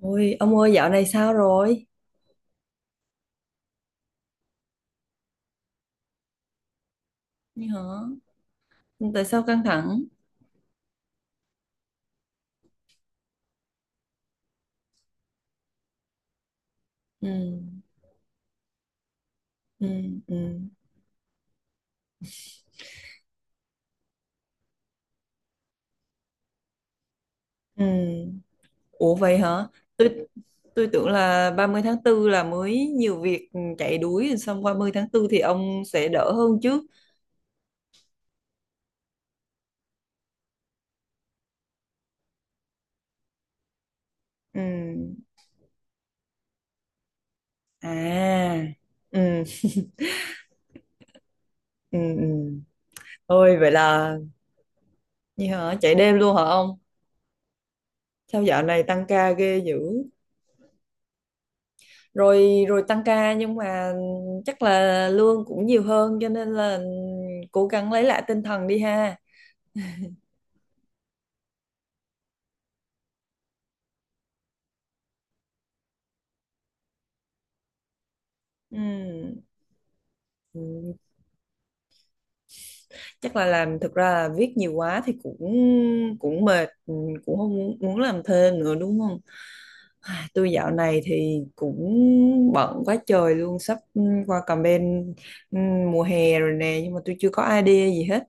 Ôi, ông ơi dạo này sao rồi? Như hả? Tại sao căng thẳng? Ừ, ừ, ừ, ừ. Ủa vậy hả? Tôi tôi tưởng là 30 tháng tư là mới nhiều việc chạy đuổi xong 30 tháng tư thì ông sẽ đỡ hơn chứ. Ừ. À. Ừ, ừ, ừ. Ôi vậy là như hả? Chạy đêm luôn hả ông? Sao dạo này tăng ca ghê dữ? Rồi rồi tăng ca, nhưng mà chắc là lương cũng nhiều hơn, cho nên là cố gắng lấy lại tinh thần đi ha. Ừm, ừm, chắc là làm, thực ra là viết nhiều quá thì cũng cũng mệt, cũng không muốn, muốn làm thêm nữa, đúng không? À, tôi dạo này thì cũng bận quá trời luôn, sắp qua campaign, mùa hè rồi nè, nhưng mà tôi chưa có idea gì hết,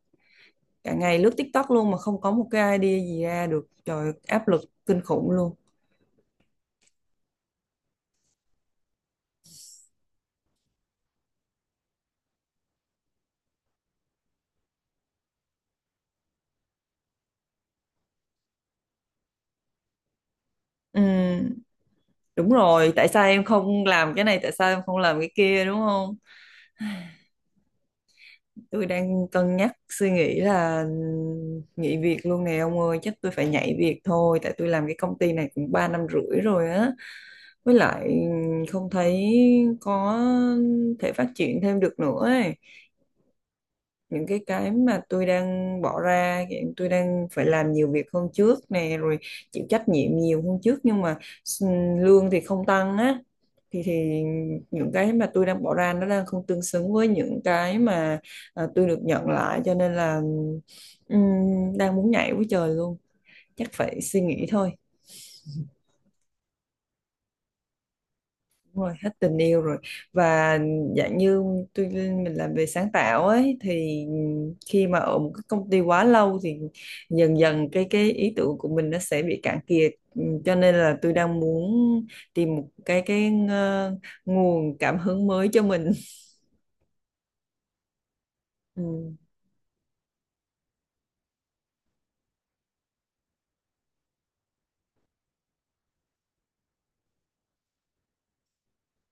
cả ngày lướt TikTok luôn mà không có một cái idea gì ra được, trời áp lực kinh khủng luôn. Ừm, Đúng rồi, tại sao em không làm cái này, tại sao em không làm cái kia, đúng không? Tôi đang cân nhắc suy nghĩ là nghỉ việc luôn nè ông ơi, chắc tôi phải nhảy việc thôi, tại tôi làm cái công ty này cũng 3 năm rưỡi rồi á. Với lại không thấy có thể phát triển thêm được nữa ấy. Những cái mà tôi đang bỏ ra, hiện tôi đang phải làm nhiều việc hơn trước nè, rồi chịu trách nhiệm nhiều hơn trước, nhưng mà lương thì không tăng á, thì những cái mà tôi đang bỏ ra nó đang không tương xứng với những cái mà à, tôi được nhận lại, cho nên là ừm, đang muốn nhảy với trời luôn, chắc phải suy nghĩ thôi. Đúng rồi, hết tình yêu rồi. Và dạng như tôi, mình làm về sáng tạo ấy, thì khi mà ở một cái công ty quá lâu thì dần dần cái ý tưởng của mình nó sẽ bị cạn kiệt. Ừ, cho nên là tôi đang muốn tìm một cái nguồn cảm hứng mới cho mình. ừ.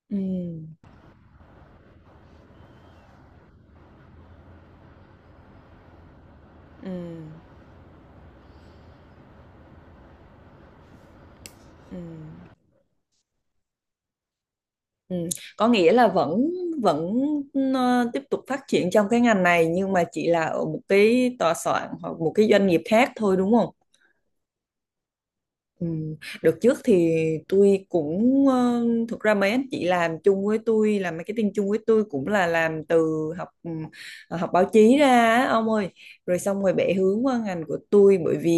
Ừ. Ừ, ừ, Ừ. Có nghĩa là vẫn vẫn ờ, tiếp tục phát triển trong cái ngành này, nhưng mà chỉ là ở một cái tòa soạn hoặc một cái doanh nghiệp khác thôi, đúng không? Ừ. Đợt trước thì tôi cũng thực ra mấy anh chị làm chung với tôi, làm marketing chung với tôi, cũng là làm từ học học báo chí ra á, ông ơi, rồi xong rồi bẻ hướng qua ngành của tôi, bởi vì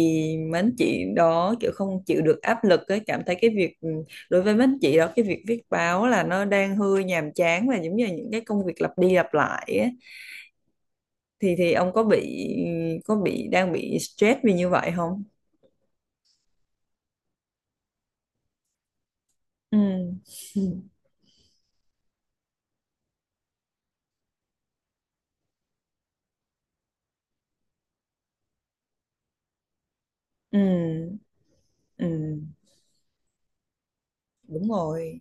mấy anh chị đó kiểu không chịu được áp lực ấy, cảm thấy cái việc đối với mấy anh chị đó, cái việc viết báo là nó đang hơi nhàm chán và giống như là những cái công việc lặp đi lặp lại ấy. Thì ông có bị, có bị đang bị stress vì như vậy không? Ừ. Ừ. Ừ, đúng rồi.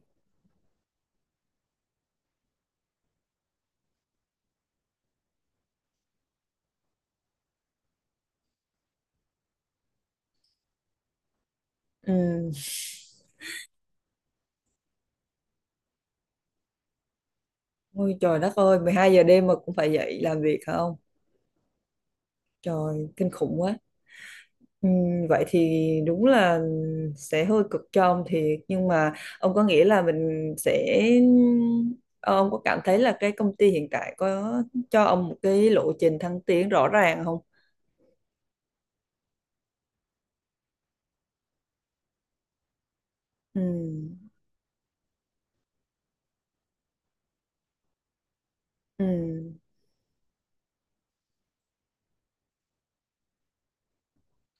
Ừ. Ôi trời đất ơi, 12 giờ đêm mà cũng phải dậy làm việc hả, không? Trời, kinh khủng quá. Ừ, vậy thì đúng là sẽ hơi cực cho ông thiệt. Nhưng mà ông có nghĩ là mình sẽ... ờ, ông có cảm thấy là cái công ty hiện tại có cho ông một cái lộ trình thăng tiến rõ ràng không? Ừ. Ừ.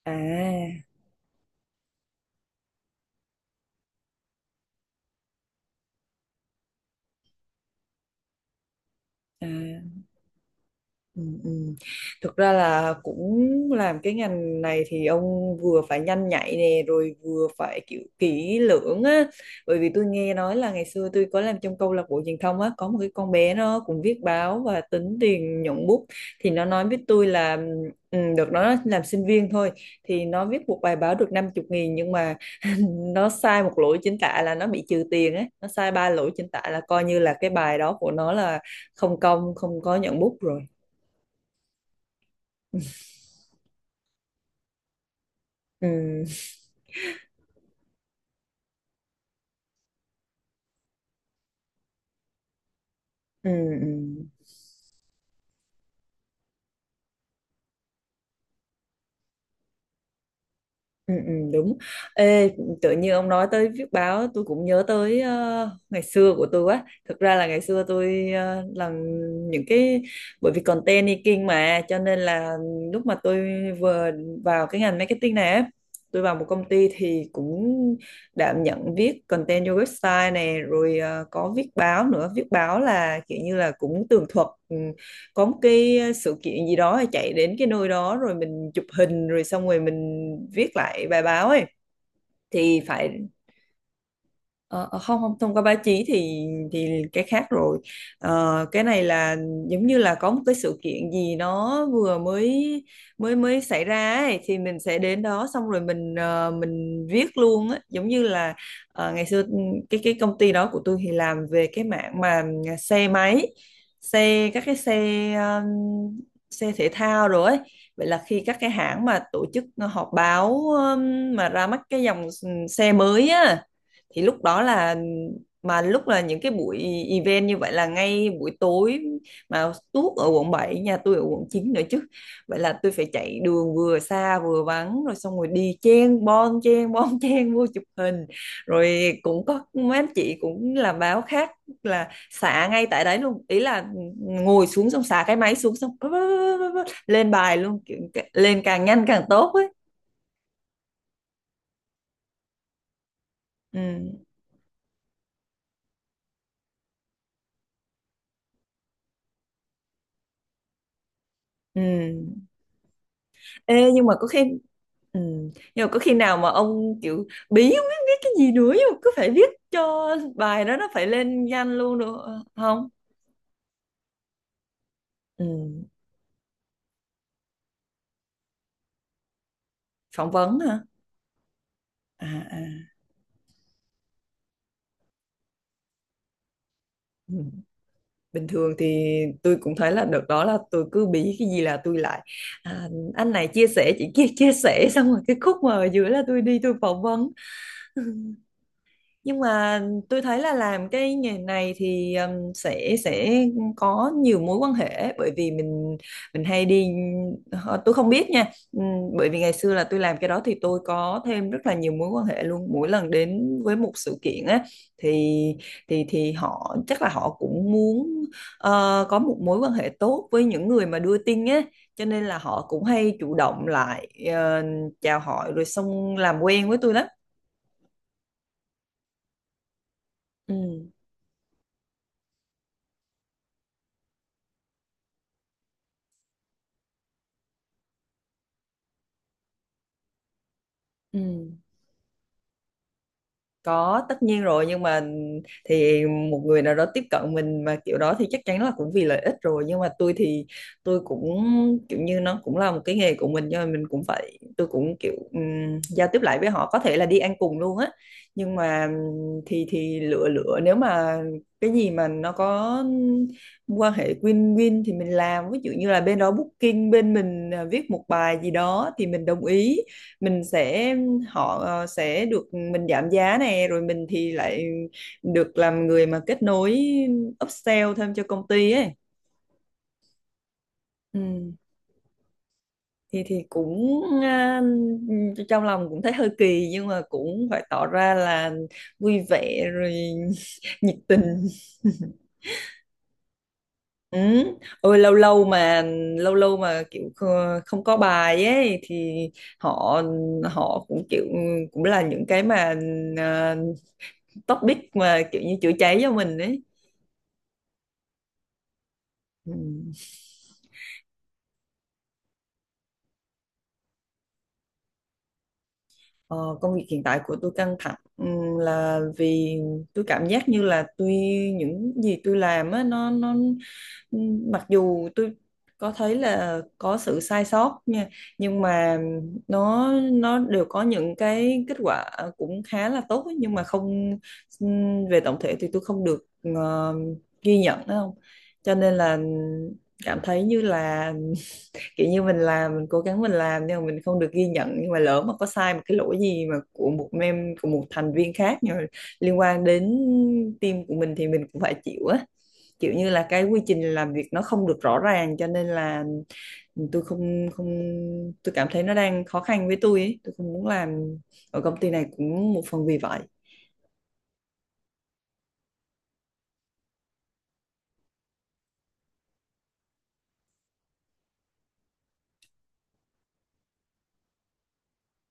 À, à. Ừ, ừ. Thực ra là cũng làm cái ngành này thì ông vừa phải nhanh nhạy nè, rồi vừa phải kiểu kỹ lưỡng á, bởi vì tôi nghe nói là ngày xưa tôi có làm trong câu lạc bộ truyền thông á, có một cái con bé nó cũng viết báo và tính tiền nhuận bút, thì nó nói với tôi là được, nó làm sinh viên thôi, thì nó viết một bài báo được năm chục nghìn, nhưng mà nó sai một lỗi chính tả là nó bị trừ tiền á, nó sai ba lỗi chính tả là coi như là cái bài đó của nó là không công, không có nhuận bút rồi. ừ ừ ừ ừ, đúng. Ê, tự nhiên ông nói tới viết báo, tôi cũng nhớ tới ngày xưa của tôi quá, thực ra là ngày xưa tôi làm những cái, bởi vì content making, mà cho nên là lúc mà tôi vừa vào cái ngành marketing này á, tôi vào một công ty thì cũng đảm nhận viết content cho website này, rồi có viết báo nữa, viết báo là kiểu như là cũng tường thuật, có một cái sự kiện gì đó, chạy đến cái nơi đó rồi mình chụp hình rồi xong rồi mình viết lại bài báo ấy, thì phải. Ờ, ờ, không, không thông qua báo chí thì thì cái khác rồi. Ờ, cái này là giống như là có một cái sự kiện gì nó vừa mới mới mới xảy ra ấy, thì mình sẽ đến đó xong rồi mình mình viết luôn á, giống như là ngày xưa cái công ty đó của tôi thì làm về cái mảng mà à, xe máy, xe các cái xe ờ, xe thể thao rồi ấy. Vậy là khi các cái hãng mà tổ chức họp báo mà ra mắt cái dòng xe mới á, thì lúc đó là mà lúc là những cái buổi event như vậy là ngay buổi tối, mà tuốt ở quận bảy, nhà tôi ở quận 9 nữa chứ, vậy là tôi phải chạy đường vừa xa vừa vắng, rồi xong rồi đi chen bon chen vô chụp hình, rồi cũng có mấy anh chị cũng làm báo khác là xả ngay tại đấy luôn, ý là ngồi xuống xong xả cái máy xuống xong bá, bá, bá, bá, bá, lên bài luôn. Kiểu- lên càng nhanh càng tốt ấy. Ừ. Ừ. Ê, nhưng mà có khi Ừ. Nhưng mà có khi nào mà ông kiểu bí không biết viết cái gì nữa, nhưng mà cứ phải viết cho bài đó nó phải lên danh luôn được ờ, không? Ừ. Phỏng vấn hả? À, à. Ừ. Bình thường thì tôi cũng thấy là đợt đó là tôi cứ bí cái gì là tôi lại à, anh này chia sẻ, chị kia chia sẻ, xong rồi cái khúc mà ở giữa là tôi đi tôi phỏng vấn, nhưng mà tôi thấy là làm cái nghề này thì sẽ có nhiều mối quan hệ, bởi vì mình hay đi tôi không biết nha. Ừm, bởi vì ngày xưa là tôi làm cái đó thì tôi có thêm rất là nhiều mối quan hệ luôn, mỗi lần đến với một sự kiện á thì thì họ chắc là họ cũng muốn có một mối quan hệ tốt với những người mà đưa tin á, cho nên là họ cũng hay chủ động lại ờ, chào hỏi rồi xong làm quen với tôi lắm. ừ ừ Có, tất nhiên rồi, nhưng mà thì một người nào đó tiếp cận mình mà kiểu đó thì chắc chắn là cũng vì lợi ích rồi, nhưng mà tôi thì tôi cũng kiểu như nó cũng là một cái nghề của mình, nhưng mà mình cũng phải, tôi cũng kiểu giao tiếp lại với họ, có thể là đi ăn cùng luôn á, nhưng mà thì lựa lựa, nếu mà cái gì mà nó có quan hệ win-win thì mình làm, ví dụ như là bên đó booking bên mình à, viết một bài gì đó thì mình đồng ý, mình sẽ họ sẽ được mình giảm giá nè, rồi mình thì lại được làm người mà kết nối upsell thêm cho công ty ấy. Ừ. Thì cũng à, trong lòng cũng thấy hơi kỳ, nhưng mà cũng phải tỏ ra là vui vẻ rồi nhiệt tình. Ừ. Ôi lâu lâu mà kiểu không có bài ấy thì họ, họ cũng kiểu cũng là những cái mà à, topic mà kiểu như chữa cháy cho mình ấy. Ừ. Ờ, công việc hiện tại của tôi căng thẳng là vì tôi cảm giác như là tôi, những gì tôi làm á, nó ừ, mặc dù tôi có thấy là có sự sai sót nha, nhưng mà nó đều có những cái kết quả cũng khá là tốt ấy, nhưng mà không về tổng thể thì tôi không được ờ, ghi nhận, đúng không, cho nên là cảm thấy như là kiểu như mình làm, mình cố gắng mình làm, nhưng mà mình không được ghi nhận, nhưng mà lỡ mà có sai một cái lỗi gì mà của một mem, của một thành viên khác, nhưng mà liên quan đến team của mình thì mình cũng phải chịu á, kiểu như là cái quy trình làm việc nó không được rõ ràng, cho nên là tôi không không tôi cảm thấy nó đang khó khăn với tôi ấy. Tôi không muốn làm ở công ty này cũng một phần vì vậy.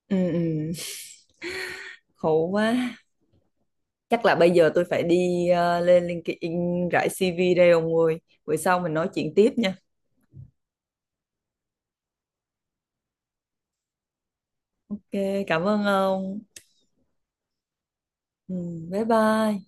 Ừ, ừ. Khổ quá, chắc là bây giờ tôi phải đi lên LinkedIn rải CV đây ông ơi, bữa sau mình nói chuyện tiếp nha. Ok, cảm ơn ông. Ừ, bye bye.